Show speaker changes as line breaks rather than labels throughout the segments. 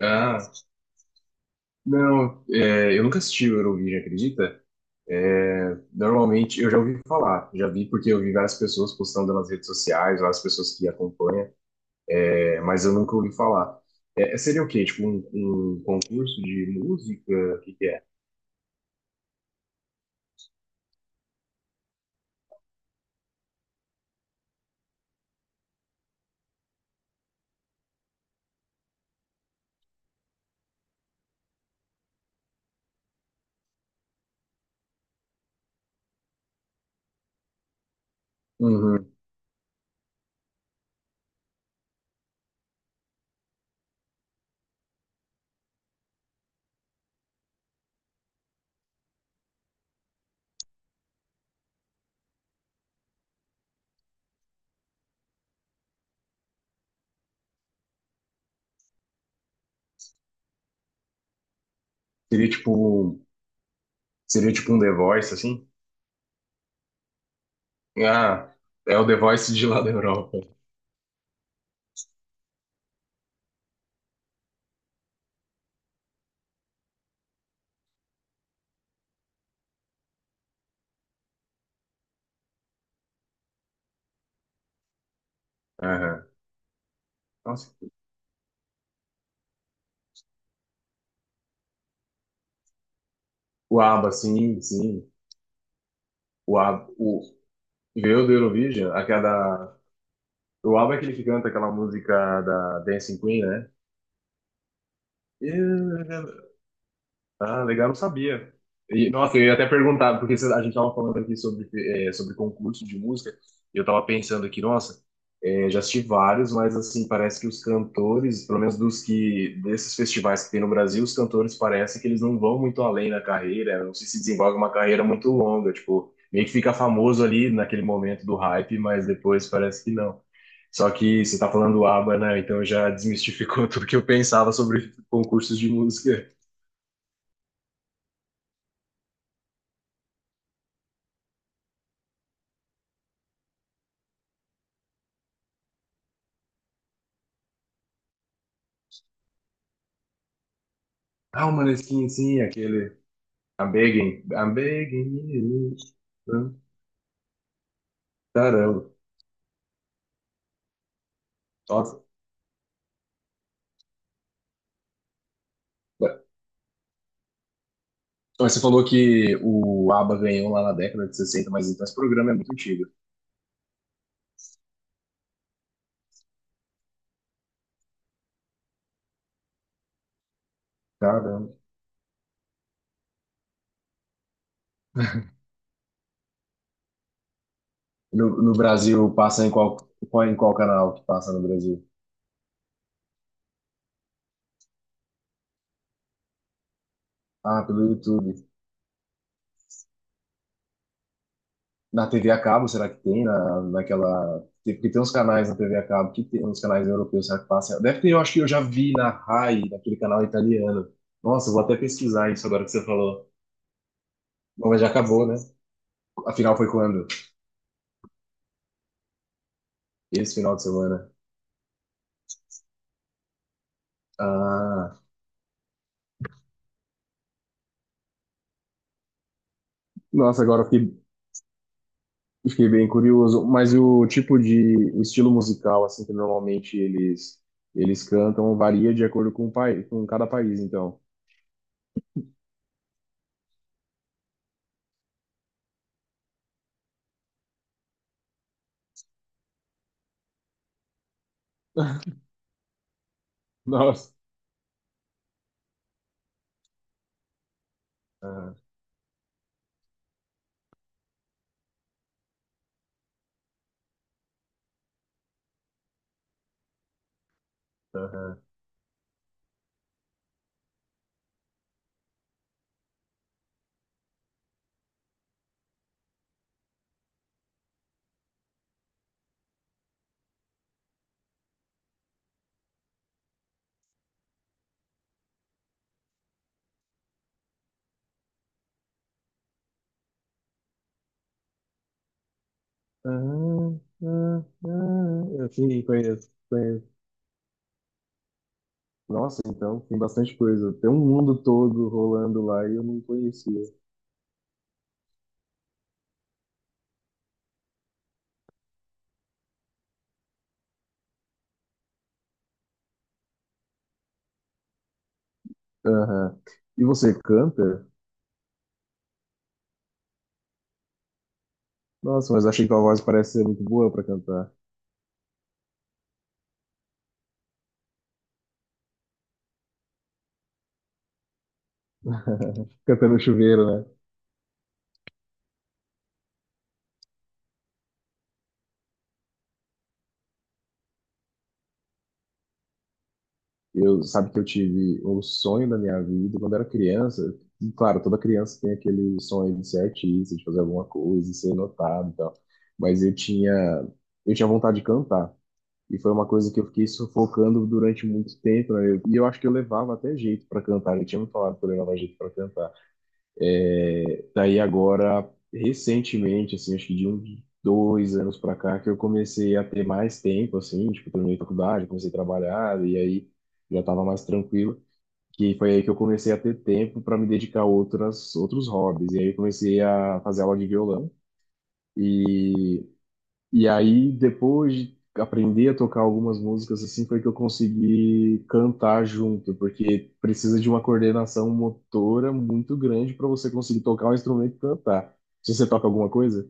Ah, não, eu nunca assisti o Eurovision, acredita? Normalmente, eu já ouvi falar, já vi porque eu vi várias pessoas postando nas redes sociais, várias pessoas que acompanham, mas eu nunca ouvi falar. Seria o quê? Tipo um concurso de música? O que que é? Uhum. Seria tipo, Seria tipo um The Voice, assim? Ah, é o The Voice de lá da Europa. Aham. Nossa, o ABBA, sim, sim. O ABBA, veio do Eurovision, a cada O Alba é aquele que canta aquela música da Dancing Queen, né? Eu- Ah, legal, não sabia. E, nossa, eu ia até perguntar, porque a gente tava falando aqui sobre concurso de música, e eu tava pensando aqui, nossa, já assisti vários, mas assim, parece que os cantores, pelo menos desses festivais que tem no Brasil, os cantores parece que eles não vão muito além na carreira, não sei se desenvolve uma carreira muito longa, tipo, meio que fica famoso ali naquele momento do hype, mas depois parece que não. Só que você tá falando ABBA, né? Então já desmistificou tudo que eu pensava sobre concursos de música. Ah, o Maneskin, sim, aquele. I'm begging. I'm begging you. Caramba. Nossa. Mas você falou que o ABBA ganhou lá na década de sessenta, mas então esse programa é muito antigo. Caramba. No Brasil, passa em qual, em qual canal que passa no Brasil? Ah, pelo YouTube. Na TV a cabo, será que tem? Naquela. Porque tem uns canais na TV a cabo que tem uns canais europeus, será que passa? Deve ter, eu acho que eu já vi na Rai, naquele canal italiano. Nossa, eu vou até pesquisar isso agora que você falou. Bom, mas já acabou, né? A final foi quando? Esse final de semana. Ah, nossa, agora eu fiquei bem curioso. Mas o tipo de o estilo musical, assim, que normalmente eles cantam, varia de acordo com o país, com cada país, então. Nossa. Ah, aham. Ah, ah, ah. Eu Sim, conheço, conheço. Nossa, então tem bastante coisa. Tem um mundo todo rolando lá e eu não conhecia. Aham. E você canta? Nossa, mas achei que a voz parece ser muito boa pra cantar. Canta no chuveiro, né? Sabe que eu tive o sonho da minha vida quando era criança. E, claro, toda criança tem aquele sonho de ser artista, de fazer alguma coisa, de ser notado e tal. Mas eu tinha vontade de cantar. E foi uma coisa que eu fiquei sufocando durante muito tempo, né? E eu acho que eu levava até jeito para cantar. Ele tinha me falado que eu levava jeito para cantar. Daí agora, recentemente, assim, acho que de uns 2 anos para cá, que eu comecei a ter mais tempo, assim, tipo, terminei a faculdade, comecei a trabalhar, e aí já estava mais tranquilo. Que foi aí que eu comecei a ter tempo para me dedicar a outros hobbies. E aí eu comecei a fazer aula de violão. E e aí, depois de aprender a tocar algumas músicas assim, foi que eu consegui cantar junto, porque precisa de uma coordenação motora muito grande para você conseguir tocar um instrumento e cantar. Se você toca alguma coisa?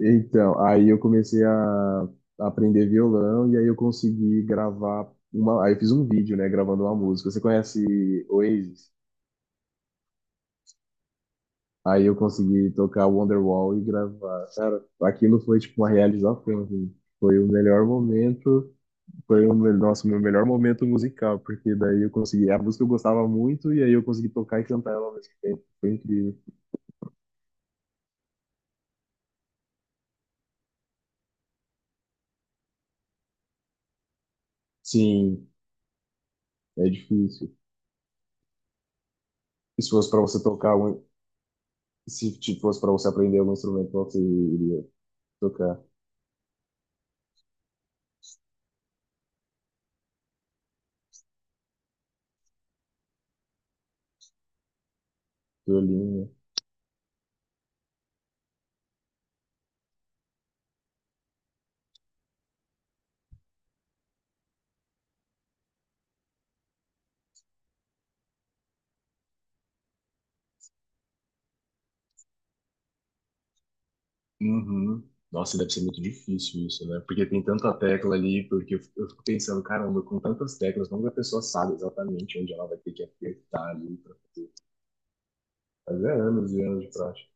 Então, aí eu comecei a aprender violão e aí eu consegui gravar uma, aí eu fiz um vídeo, né, gravando uma música. Você conhece Oasis? Aí eu consegui tocar Wonderwall e gravar. Cara, aquilo foi tipo uma realização, assim. Foi o melhor momento Foi o meu, Nossa, o meu melhor momento musical, porque daí eu consegui. A música eu gostava muito, e aí eu consegui tocar e cantar ela ao mesmo tempo. Foi incrível. Sim, é difícil. E se fosse para você tocar, um- se tipo, fosse para você aprender algum instrumento, qual você iria tocar? Violino. Uhum. Nossa, deve ser muito difícil isso, né? Porque tem tanta tecla ali, porque eu fico pensando, caramba, com tantas teclas, como que a pessoa sabe exatamente onde ela vai ter que apertar ali? Pra... Mas é anos e anos de prática.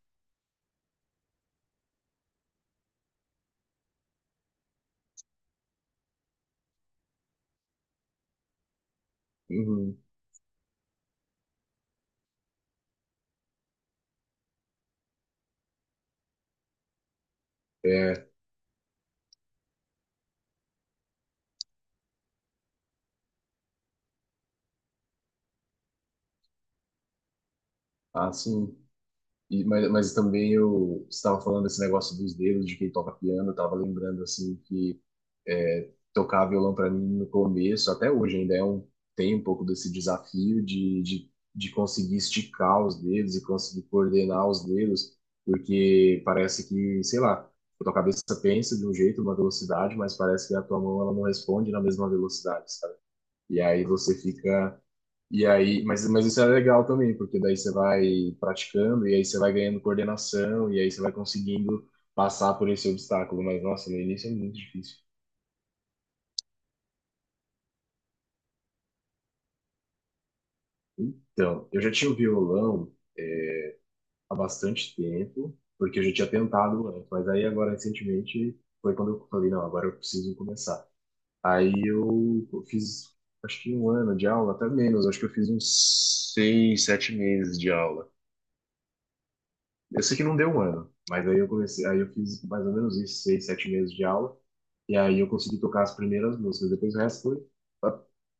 Uhum. É, assim. E, mas também eu estava falando desse negócio dos dedos, de quem toca piano, eu estava lembrando assim que tocar violão para mim no começo, até hoje ainda tem um pouco desse desafio de conseguir esticar os dedos e conseguir coordenar os dedos, porque parece que, sei lá, a tua cabeça pensa de um jeito, uma velocidade, mas parece que a tua mão ela não responde na mesma velocidade, sabe? E aí você fica e aí, mas isso é legal também, porque daí você vai praticando e aí você vai ganhando coordenação e aí você vai conseguindo passar por esse obstáculo. Mas, nossa, no início é muito difícil. Então, eu já tinha o violão é, há bastante tempo, porque eu já tinha tentado antes, mas aí agora recentemente foi quando eu falei, não, agora eu preciso começar. Aí eu fiz, acho que um ano de aula, até menos, acho que eu fiz uns 6, 7 meses de aula. Eu sei que não deu um ano, mas aí eu comecei, aí eu fiz mais ou menos isso, 6, 7 meses de aula, e aí eu consegui tocar as primeiras músicas, depois o resto foi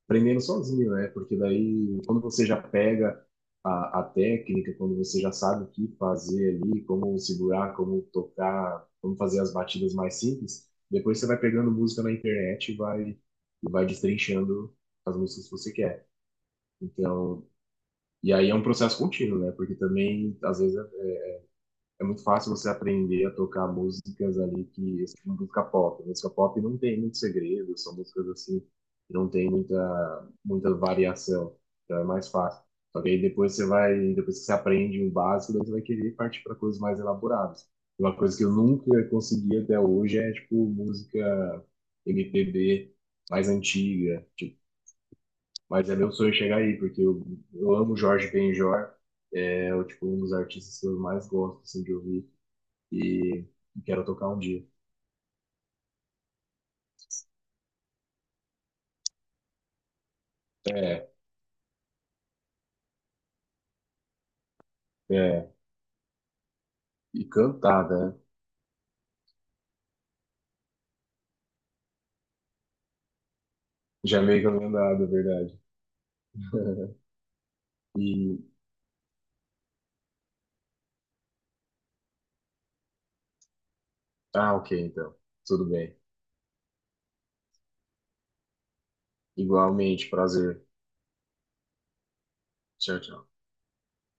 aprendendo sozinho, né? Porque daí, quando você já pega a técnica, quando você já sabe o que fazer ali, como segurar, como tocar, como fazer as batidas mais simples, depois você vai pegando música na internet e vai destrinchando as músicas que você quer. Então, e aí é um processo contínuo, né? Porque também, às vezes, é muito fácil você aprender a tocar músicas ali que tipo, música pop. Música pop não tem muito segredo, são músicas assim que não tem muita variação, então é mais fácil. Só que aí depois depois que você aprende o básico, daí você vai querer partir para coisas mais elaboradas. Uma coisa que eu nunca consegui até hoje é tipo música MPB mais antiga, tipo, mas é meu sonho chegar aí, porque eu amo Jorge Benjor, é o tipo um dos artistas que eu mais gosto assim, de ouvir e quero tocar um dia. É, é. E cantar, né? Já meio que eu não nada, é verdade. E. Ah, ok, então. Tudo bem. Igualmente, prazer. Tchau, tchau.